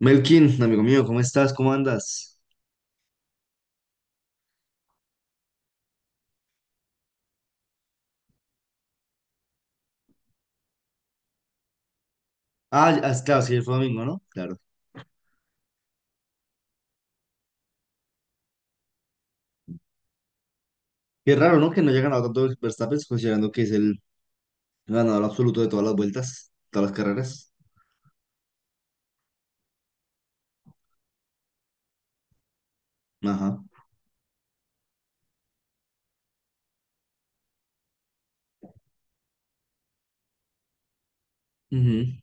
Melkin, amigo mío, ¿cómo estás? ¿Cómo andas? Claro, sí, fue domingo, ¿no? Claro. Qué raro, ¿no? Que no haya ganado tanto Verstappen, considerando que es el ganador absoluto de todas las vueltas, todas las carreras. Ajá. Ujú,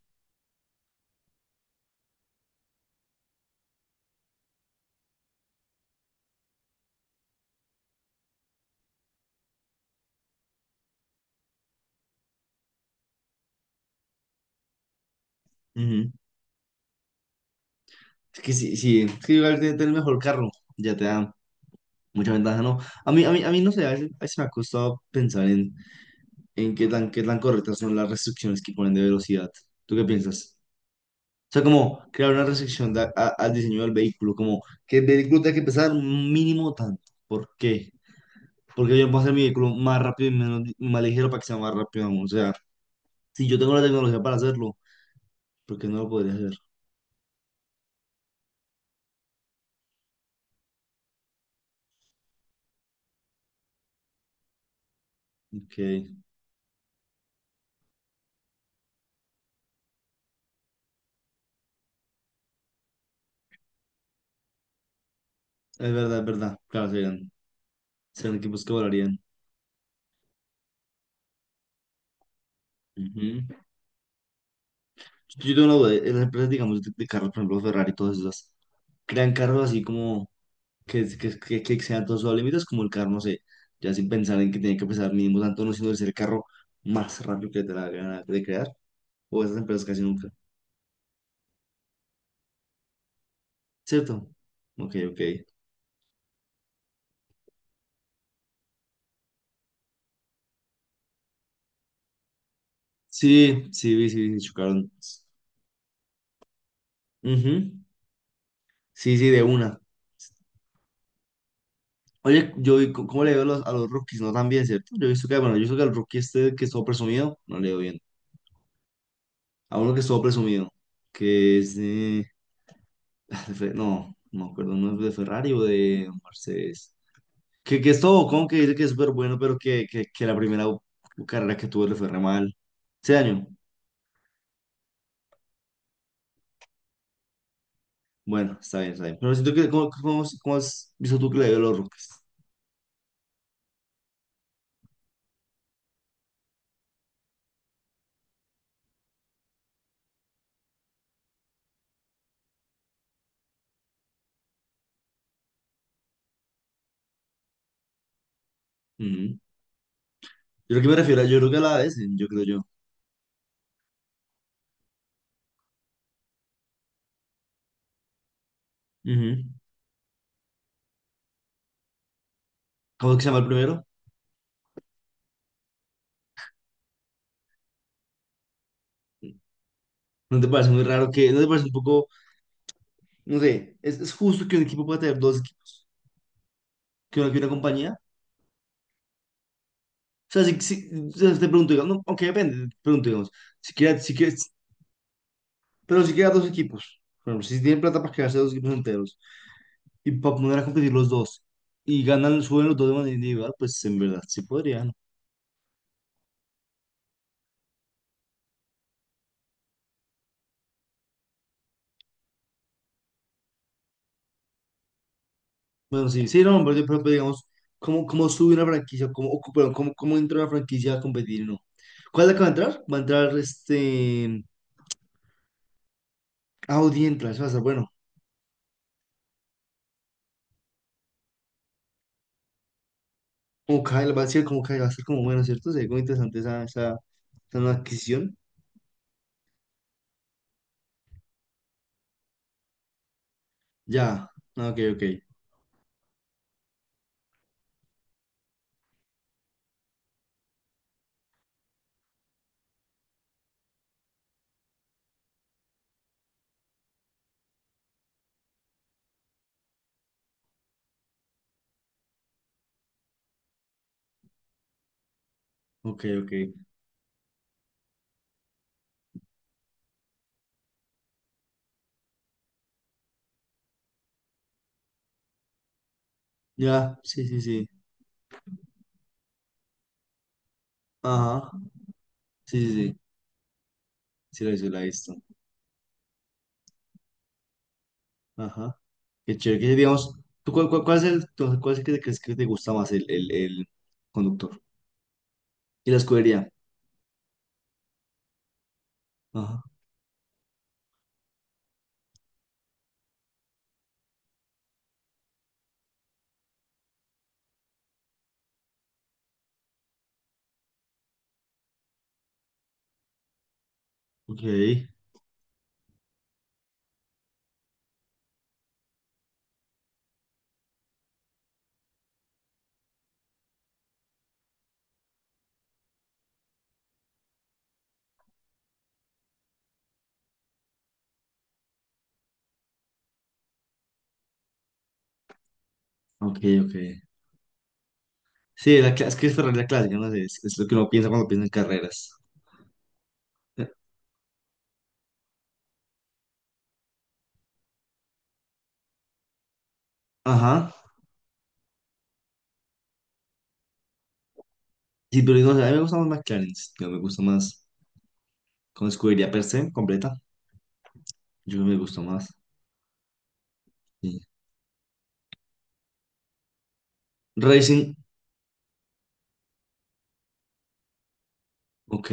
ujú. Es que sí, sí, es que igual tener el mejor carro ya te da mucha ventaja, ¿no? A mí no sé, a veces me ha costado pensar en qué tan correctas son las restricciones que ponen de velocidad. ¿Tú qué piensas? O sea, como crear una restricción al diseño del vehículo, como que el vehículo tenga que pesar un mínimo tanto. ¿Por qué? Porque yo puedo hacer mi vehículo más rápido y menos, más ligero para que sea más rápido aún. O sea, si yo tengo la tecnología para hacerlo, ¿por qué no lo podría hacer? Ok, es verdad, es verdad. Claro, serían, serían equipos que volarían. Ujú. Yo tengo una duda, en las empresas, digamos, de carros, por ejemplo, Ferrari y todas esas, crean carros así como que excedan todos sus límites, como el carro, no sé, ya sin pensar en que tiene que pesar mínimo tanto, no, sino de ser el carro más rápido que te la gana de crear, o esas empresas casi nunca, ¿cierto? Ok, ok. Sí, sí, vi, sí, sí, chocaron. Ujú. Sí, sí, de una. Oye, yo vi cómo le veo a los rookies, no tan bien, ¿cierto? Yo he visto que, bueno, yo he visto que al rookie este que estuvo presumido, no le veo bien. A uno que estuvo presumido, que es de, no, no me acuerdo, no es de Ferrari o de Mercedes. Que es todo con que dice que es súper bueno, pero que la primera carrera que tuve le fue re mal. Ese año. Bueno, está bien, está bien. Pero siento que, ¿cómo has visto tú que le dio a los Rockets? Ujú. Yo creo que me refiero a, yo creo que a la vez, yo creo yo. Ujú. ¿Cómo es que se llama el primero? ¿No te parece muy raro que, no te parece un poco, no sé, es justo que un equipo pueda tener dos equipos, que una compañía? O sea, si, si, o sea, te pregunto, digamos, no, aunque depende, te pregunto, digamos, si quieres, si quieres, pero si quieres dos equipos, por ejemplo, si tienen plata para quedarse dos equipos enteros, y para poner a competir los dos y ganan, suben los dos de manera individual, pues en verdad sí podrían. Bueno, sí, sí, no, pero pues, digamos, ¿cómo, cómo sube una franquicia? ¿Cómo, o, perdón, cómo, cómo entra una franquicia a competir? No. ¿Cuál es la que va a entrar? Va a entrar este. Audi entra, eso va a ser bueno. Como Kyle, va a ser como Kyle, va a ser como bueno, ¿cierto? Sería como interesante esa nueva adquisición. Ya, ah, ok. Ya, sí, sí, sí. Ajá, sí, sí, sí, sí, la hizo, la he visto. Ajá. Qué chévere, que digamos, ¿cuál es el, cuál es el que te crees que te gusta más, el conductor? Y la escudería. Ajá, ok, ok, ok. Sí, la, es que es Ferrari la clásica, no sé, es lo que uno piensa cuando piensa en carreras. Eh, Ajá, sí, pero no sé, a mí me gusta más McLaren, yo me gusta más con escudería per se, completa, yo me gusta más. Sí. Racing, ok,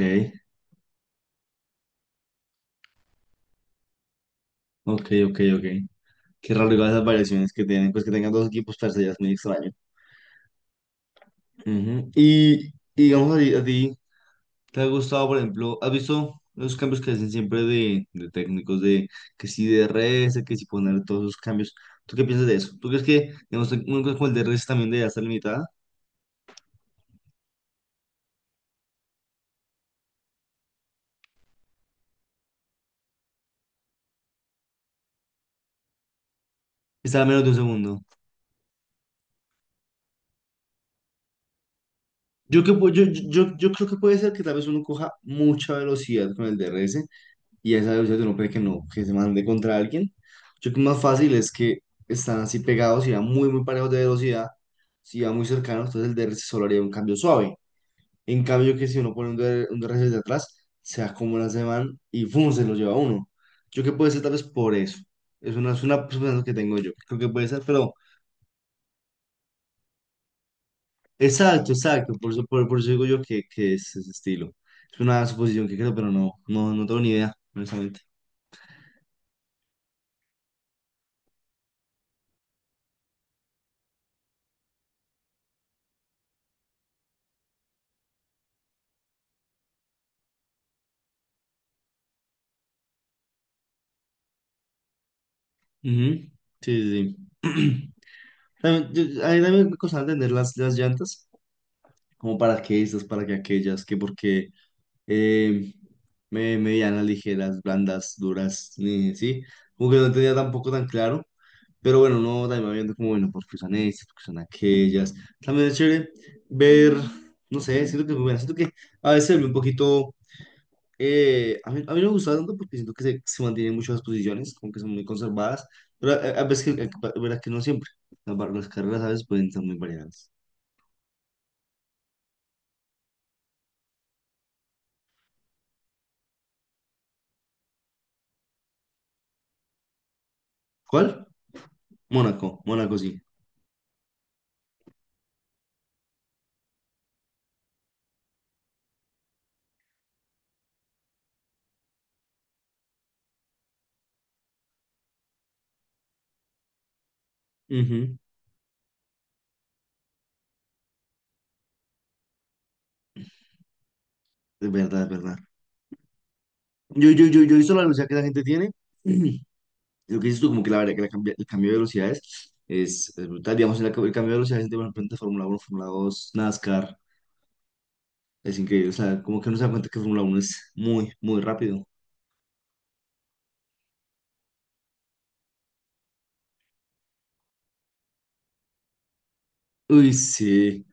ok, ok. Qué raro igual esas variaciones que tienen, pues que tengan dos equipos per se, ya es muy extraño. Ujú. Y digamos a ti, ¿te ha gustado, por ejemplo, has visto los cambios que hacen siempre de técnicos, de que si DRS, que si poner todos esos cambios? ¿Tú qué piensas de eso? ¿Tú crees que, digamos, una cosa como el DRS también debería estar limitada? Está a menos de un segundo. Yo, que, yo creo que puede ser que tal vez uno coja mucha velocidad con el DRS y a esa velocidad uno puede que no, que se mande contra alguien. Yo creo que más fácil es que están así pegados y van muy parejos de velocidad, si van muy cercanos, entonces el DRS solo haría un cambio suave. En cambio, que si uno pone un, DR un DRS de atrás, se acumula ese man y ¡fum!, se lo lleva a uno. Yo que puede ser tal vez por eso. Es una suposición que tengo yo. Creo que puede ser, pero exacto, exacto. Por eso digo yo que es ese estilo. Es una suposición que creo, pero no, no, no tengo ni idea, honestamente. Ujú. Sí, sí, sí. También, a mí también me costaba entender las llantas, como para qué estas, para qué aquellas, que por qué. eh, medianas, ligeras, blandas, duras, sí, como que no tenía tampoco tan claro, pero bueno, no, también va viendo como, bueno, porque son estas, porque son aquellas, también es chévere ver, no sé, siento que es muy buena, siento que a veces se vuelve un poquito, a mí no me gusta tanto porque siento que se mantienen muchas posiciones, como que son muy conservadas, pero a veces, que, verdad que no siempre, las, las carreras a veces pueden ser muy variadas. ¿Cuál? Mónaco sí. Ujú. Es verdad, es verdad. Yo he visto la velocidad que la gente tiene. Lo que dices tú, como que la verdad que la el cambio de velocidades es brutal. Digamos, el cambio de velocidades de por ejemplo, entre Fórmula 1, Fórmula 2, NASCAR, es increíble. O sea, como que uno se da cuenta que Fórmula 1 es muy, muy rápido. Uy, sí.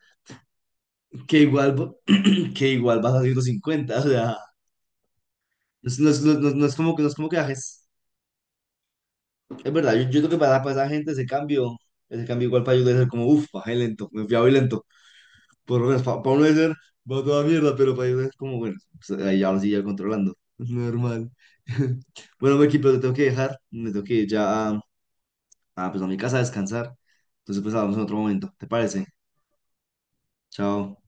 Que igual, que igual vas a 150. O sea, no es como que, no es como que bajes. Es verdad, yo creo que para esa gente ese cambio igual para ellos debe ser como, uff, bajé lento, me fui a muy lento. Por lo menos para uno de ser, va toda mierda, pero para ellos es como, bueno, pues, ahí ya lo sigue controlando. Es normal. Bueno, Meki, pero te tengo que dejar. Me tengo que ir ya a, pues, a mi casa a descansar. Entonces, pues hablamos en otro momento. ¿Te parece? Chao.